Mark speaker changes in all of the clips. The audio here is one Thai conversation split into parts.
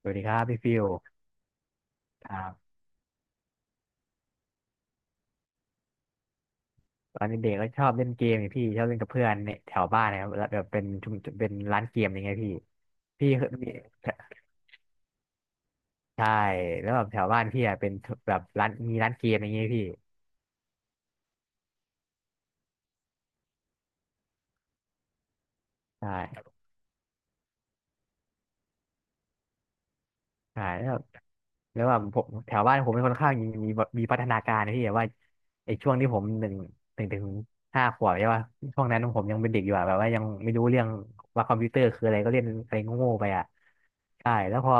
Speaker 1: สวัสดีครับพี่ฟิวครับตอนเด็กๆก็ชอบเล่นเกมนี่พี่ชอบเล่นกับเพื่อนเนี่ยแถวบ้านนะครับแล้วแบบเป็นร้านเกมอย่างเงี้ยพี่เคยมีใช่แล้วแบบแถวบ้านพี่อะเป็นแบบร้านมีร้านเกมอย่างเงี้ยพี่ใช่ ใช่แล้วแล้วว่าผมแถวบ้านผมเป็นค่อนข้างมีพัฒนาการนะพี่แบบว่าไอ้ช่วงที่ผมหนึ่งถึงห้าขวบใช่ป่ะช่วงนั้นผมยังเป็นเด็กอยู่อะแบบว่ายังไม่รู้เรื่องว่าคอมพิวเตอร์คืออะไรก็เล่นอะไรโง่ๆไปอ่ะใช่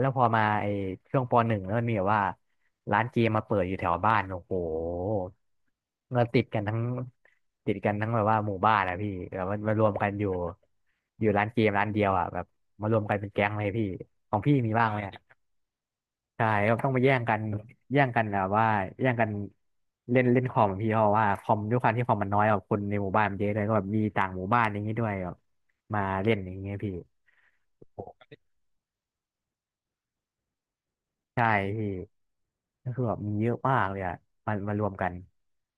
Speaker 1: แล้วพอมาไอ้ช่วงป.1แล้วมันมีแบบว่าร้านเกมมาเปิดอยู่แถวบ้านโอ้โหเงินติดกันทั้งแบบว่าหมู่บ้านอะพี่แบบว่ามารวมกันอยู่ร้านเกมร้านเดียวอะแบบมารวมกันเป็นแก๊งเลยพี่ของพี่มีบ้างไหมอะ ใช่ก็ต้องไปแย่งกันแบบว่าแย่งกันเล่นเล่นคอมพี่เพราะว่าคอมด้วยความที่คอมมันน้อยกว่าคนในหมู่บ้านมันเยอะเลยก็แบบมีต่างหมู่บ้านอย่างนี้ด้วยแบบมาเล่นอย่างเงี้ยพี่ใช่พี่ก็คือแบบมีเยอะมากเลยอะมารวมกัน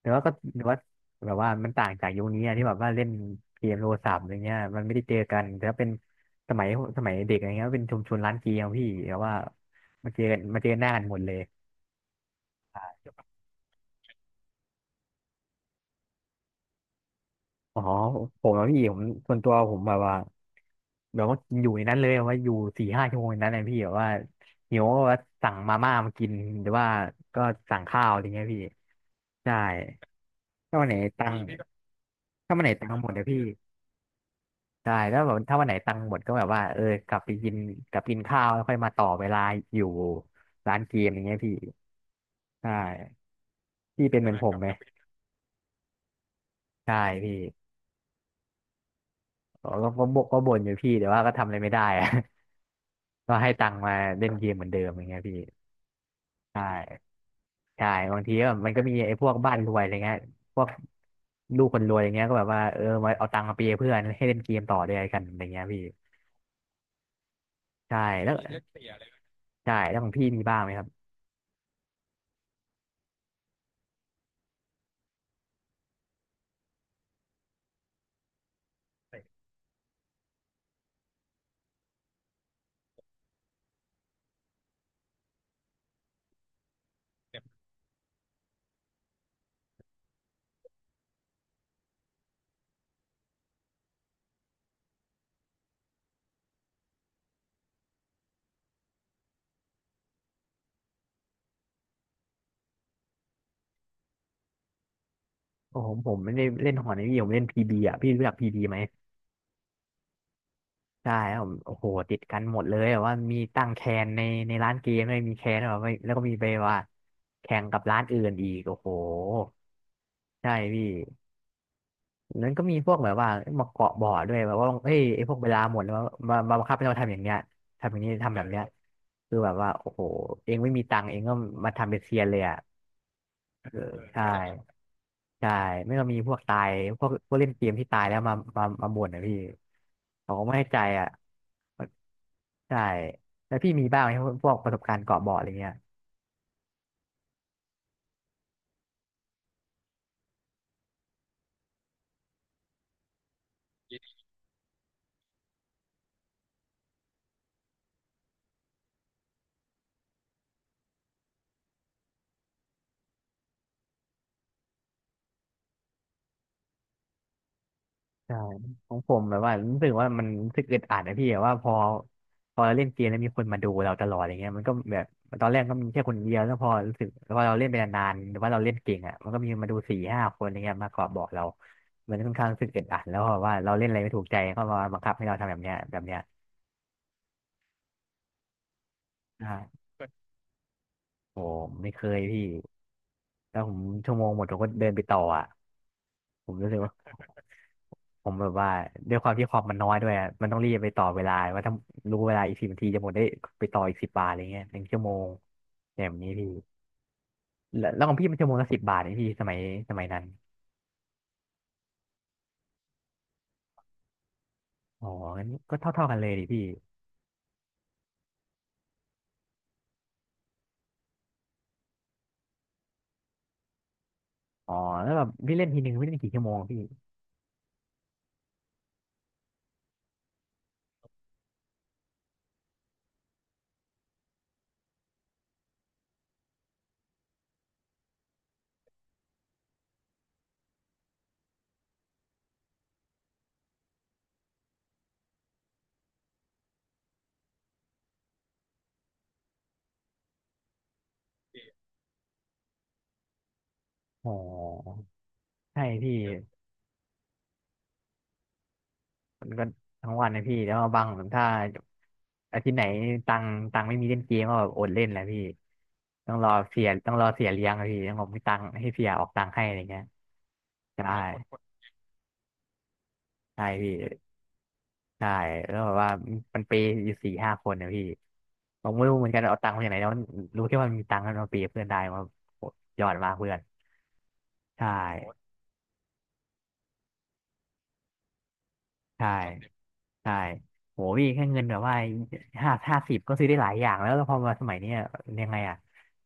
Speaker 1: แต่ว่าก็แต่ว่าแบบว่ามันต่างจากยุคนี้อะที่แบบว่าเล่นเกมโทรศัพท์อะไรเงี้ยมันไม่ได้เจอกันแต่ว่าเป็นสมัยสมัยเด็กอะไรเงี้ยเป็นชุมชนร้านเกมพี่แต่ว่ามาเจอกันมาเจอหน้ากันหมดเลย อ๋อผมอะพี่ผมส่วนตัวผมแบบว่ากินอยู่ในนั้นเลยแบบว่าอยู่4-5 ชั่วโมงในนั้นนะพี่แบบว่าหิวก็ว่าสั่งมาม่ามากินหรือว่าก็สั่งข้าวอะไรเงี้ยพี่ใช่ถ้าวันไหนตังค์ถ้าวันไหนตังค์หมดเดี๋ยวพี่ใช่แล้วแบบถ้าวันไหนตังค์หมดก็แบบว่าเออกลับไปกินกลับกินข้าวแล้วค่อยมาต่อเวลาอยู่ร้านเกมอย่างเงี้ยพี่ใช่พี่เป็นเหมือนผมไหมใช่พี่ ก็บ่นอยู่พี่แต่ว่าก็ทำอะไรไม่ได้อะ ก็ให้ตังค์มาเล่นเกมเหมือนเดิมอย่างเงี้ยพี่ใช่ใช่บางทีก็มันก็มีไอ้พวกบ้านรวยอะไรเงี้ยพวกลูกคนรวยอย่างเงี้ยก็แบบว่าเออมาเอาตังค์มาเปยเพื่อนให้เล่นเกมต่อด้วยกันอะไรเงี้ยพี่ใช่แล้วใช่แล้วของพี่มีบ้างไหมครับโอ้โหผมไม่ได้เล่นหอนะพี่ผมเล่นพีบีอ่ะพี่รู้จักพีบีไหม ใช่ครับผมโอ้โหติดกันหมดเลยแบบว่ามีตั้งแคนในร้านเกมด้วยมีแคนแบบว่าแล้วก็มีไปว่าแข่งกับร้านอื่นอีกโอ้โหใช่พี่นั้นก็มีพวกแบบว่ามาเกาะบ่อด้วยแบบว่าเอ้ยไอ้พวกเวลาหมดแล้วมาบังคับให้เราทำอย่างเนี้ยทำอย่างนี้ทำแบบเนี้ยคือแบบว่าโอ้โหเองไม่มีตังค์เองก็มาทำเป็นเซียนเลยอ่ะ เออใช่ใช่ไม่ก็มีพวกตายพวกเล่นเกมที่ตายแล้วมาบ่นนะพี่เขาก็ไม่ให้ใจอ่ะใช่แล้วพี่มีบ้างไหมพวกประสบการณ์เกาะเบาะอะไรเงี้ย ใช่ของผมแบบว่ารู้สึกว่ามันรู้สึกอึดอัดนะพี่แบบว่าพอเราเล่นเกมแล้วมีคนมาดูเราตลอดอย่างเงี้ยมันก็แบบตอนแรกก็มีแค่คนเดียวแล้วพอรู้สึกพอเราเล่นไปนานๆหรือว่าเราเล่นเก่งอ่ะมันก็มีมาดู4-5 คนอย่างเงี้ยมาขอบอกเรามันค่อนข้างรู้สึกอึดอัดแล้วเพราะว่าเราเล่นอะไรไม่ถูกใจก็มาบังคับให้เราทำแบบเนี้ยแบบเนี้ยใช่โอ้ไม่เคยพี่แล้วผมชั่วโมงหมดผมก็เดินไปต่ออ่ะผมรู้สึกว่า ผมแบบว่าด้วยความที่คอมมันน้อยด้วยอะมันต้องรีบไปต่อเวลาว่าถ้ารู้เวลาอีก10 นาทีจะหมดได้ไปต่ออีกสิบบาทอะไรเงี้ย1 ชั่วโมงอย่างแบบนี้พี่แล้วของพี่มันชั่วโมงละสิบบาทนี่พี่สมัยนั้นอ๋องั้นก็เท่ากันเลยดิพี่อ๋อแล้วแบบพี่เล่นทีหนึ่งพี่เล่นกี่ชั่วโมงพี่อ๋อใช่พี่มันก็ทั้งวันนะพี่แล้วบางถ้าอาทิตย์ไหนตังตังไม่มีเล่นเกมก็แบบอดเล่นแหละพี่ต้องรอเสียเลี้ยงอะพี่ต้องบอกมีตังให้เสียออกตังให้อะไรเงี้ยใช่ ใช่พี่ใช่แล้วแบบว่ามันเปย์อยู่4-5 คนนะพี่ผมไม่รู้เหมือนกันเอาตังค์มาจากไหนแล้วรู้แค่ว่ามันมีตังค์แล้วมาเปย์เพื่อนได้ว่าโหยอดมากเพื่อนใช่ ใช่ใช่โหพี่แค่เงินแบบว่าห้าสิบก็ซื้อได้หลายอย่างแล้วแล้วพอมาสมัยเนี้ยยังไงอ่ะ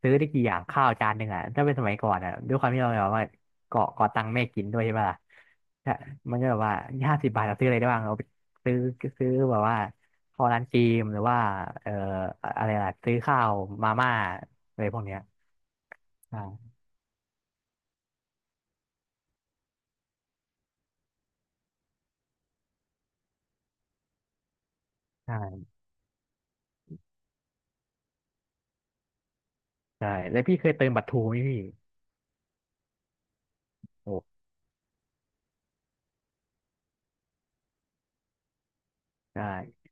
Speaker 1: ซื้อได้กี่อย่างข้าวจานหนึ่งอ่ะถ้าเป็นสมัยก่อนอ่ะด้วยความที่เราแบบว่าเกาะตังค์แม่กินด้วยใช่ปะล่ะใช่มันก็แบบว่า50 บาทเราซื้ออะไรได้บ้างเราไปซื้อซื้อแบบว่าข้าวร้านจีมหรือว่าเอ่ออะไรล่ะซื้อข้าวมาม่าอะไรพวกเนี้ยใช่ใช่ใช่แล้วพี่เคยเติมบัตรทูไหมพี่โอ้ใช่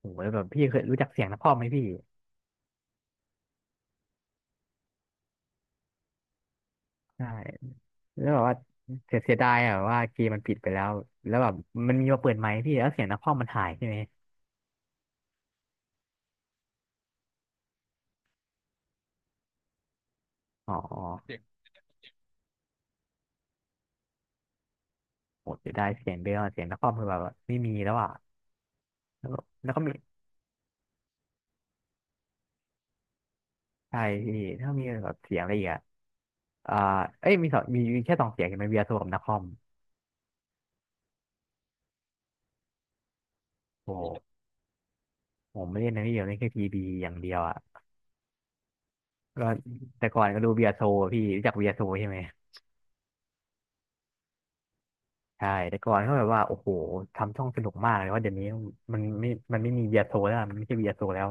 Speaker 1: โหแล้วแบบพี่เคยรู้จักเสียงนครไหมพี่ใช่ แล้วแบบว่าเสียดายอะแบบว่าเกมมันปิดไปแล้วแล้วแบบมันมีมาเปิดไหมพี่แล้วเสียงนักคอมมันหายใช่ไหมอ๋อโหเสียดายเสียงเบลอะเสียงนักคอมคือแบบว่าไม่มีแล้วอ่ะแล้วก็แล้วก็มีใช่พี่ถ้ามีแบบเสียงอะไรอีกอ่ะอ่าเอ้ยมีสองมีแค่สองเสียงเห็นไหมเบียร์โทรกับนักคอมโอ้หผมไม่เล่นนะพี่เดียวเล่นแค่พีบีอย่างเดียวอ่ะก็แต่ก่อนก็ดูเบียร์โทรอะพี่รู้จักเบียร์โทรใช่ไหมใช่แต่ก่อนก็แบบว่าโอ้โหทำช่องสนุกมากเลยว่าเดี๋ยวนี้มันไม่มันไม่มีเบียร์โซแล้วอะมันไม่ใช่เบียร์โซแล้ว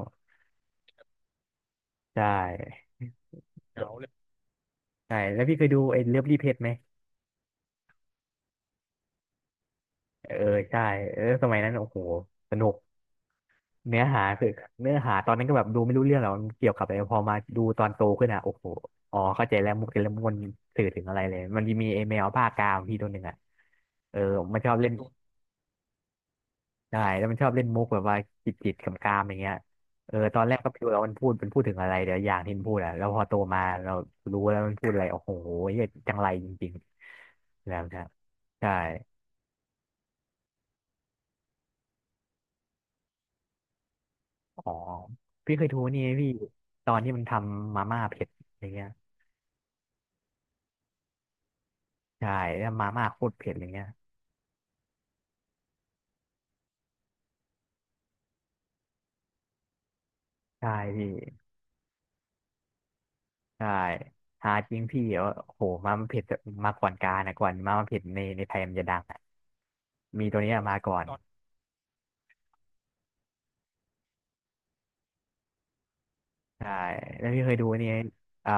Speaker 1: ใช่ อยใช่แล้วพี่เคยดูไอ้เลิฟรีเพจไหมเออใช่เออสมัยนั้นโอ้โหสนุกเนื้อหาคือเนื้อหาตอนนั้นก็แบบดูไม่รู้เรื่องหรอกมันเกี่ยวกับอะไรพอมาดูตอนโตขึ้นอ่ะโอ้โหอ๋อเข้าใจแล้วมุกแต่ละมุกมันสื่อถึงอะไรเลยมันมีไอ้แมวภาคกามพี่ตัวหนึ่งอ่ะเออมันชอบเล่นใช่แล้วมันชอบเล่นมุกแบบว่าจิตจิตกำกามๆอย่างเงี้ยเออตอนแรกก็ไม่รู้แล้วมันพูดถึงอะไรเดี๋ยวอย่างที่มันพูดอ่ะแล้วพอโตมาเรารู้แล้วมันพูดอะไรโอ้โหเหี้ยจังไรจริงๆแล้วนะใช่ อ๋อพี่เคยดูนี่ไงพี่ตอนที่มันทำมาม่าเผ็ดอย่างเงี้ยใช่แล้วมาม่าโคตรเผ็ดอย่างเงี้ยใช่พี่ใช่หาจริงพี่เออโอ้โหมาม่าเผ็ดมาก่อนการนะก่อนมาม่าเผ็ดในไทยมันจะดังอะมีตัวเนี้ยมาก่อนใช่แล้วพี่เคยดูนี่ไงอ่า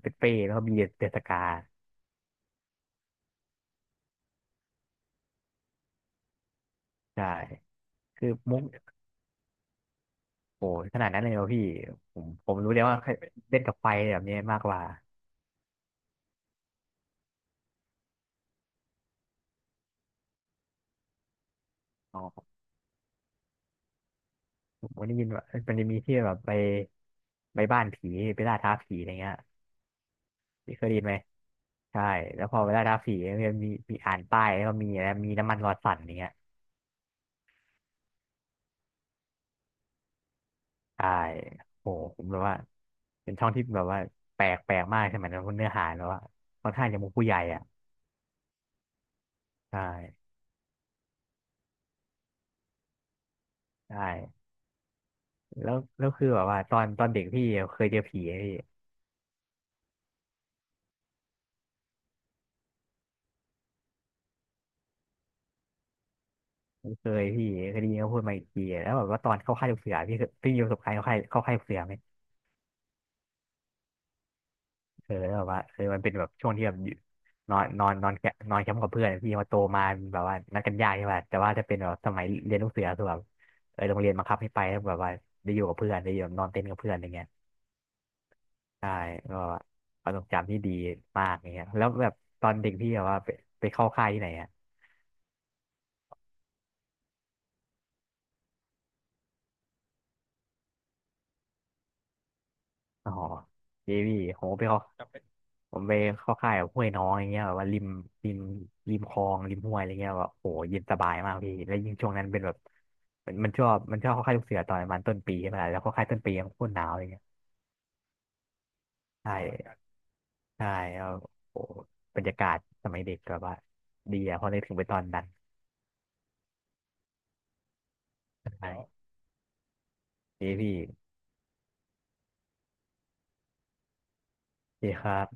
Speaker 1: เปเป้แล้วก็บีเดสกาใช่คือมุกโอ้โหขนาดนั้นเลยเหรอพี่ผมรู้เลยว่าเล่นกับไฟแบบนี้มากกว่า ผมก็ได้ยินว่ามันจะมีที่แบบไปบ้านผีไปล่าท้าผีอะไรเงี้ยพี่เคยได้ยินไหมใช่แล้วพอไปล่าท้าผีมันจะมีอ่านป้ายแล้วก็มีอะไรมีน้ำมันรอสั่นอย่างเงี้ยใช่โอ้โหผมแบบว่าเป็นช่องที่แบบว่าแปลกมากใช่ไหมนั้นเนื้อหาแล้วว่าค่อนข้างจะมุกผู้ใหญ่อ่ะใช่ใช่แล้วแล้วคือแบบว่าตอนเด็กพี่เคยเจอผีไหมพี่ไม่เคยพี่เคยได้ยินเขาพูดมาอีกทีแล้วแบบว่าตอนเข้าค่ายลูกเสือพี่เคยพี่มีประสบการณ์เข้าค่ายลูกเสือไหม เออแล้วแบบว่าเออมันเป็นแบบช่วงที่แบบอยู่นอนนอนนอนแคมป์นอนแคมป์กับเพื่อนพี่มาโตมาแบบว่านัดกันยากใช่ป่ะแต่ว่าถ้าเป็นแบบสมัยเรียนลูกเสือคือแบบเออโรงเรียนบังคับให้ไปแล้วแบบว่าได้อยู่กับเพื่อนได้อยู่นอนเต็นท์กับเพื่อนอะไรเงี้ยใช่ก็ประสบการณ์ที่ดีมากอย่างเงี้ยแล้วแบบตอนเด็กพี่แบบว่าไปเข้าค่ายที่ไหนอ่ะอ๋อเจวีผมก็ไปเข้า ผมไปเข้าค่ายแบบห้วยน้องอย่างเงี้ยแบบว่าริมริมคลองริมห้วยอะไรเงี้ยแบบโอ้โหเย็นสบายมากพี่แล้วยิ่งช่วงนั้นเป็นแบบมันชอบเข้าค่ายลูกเสือตอนประมาณต้นปีใช่ไหมล่ะแล้วเข้าค่ายต้นปีมันโคตรหนาวเลยเงี้ยใช่ใช่แล้วโอ้โหบรรยากาศสมัยเด็กแบบว่าดีอะพอได้ถึงไปตอนนั้นใช่ดีพี่ดีครับ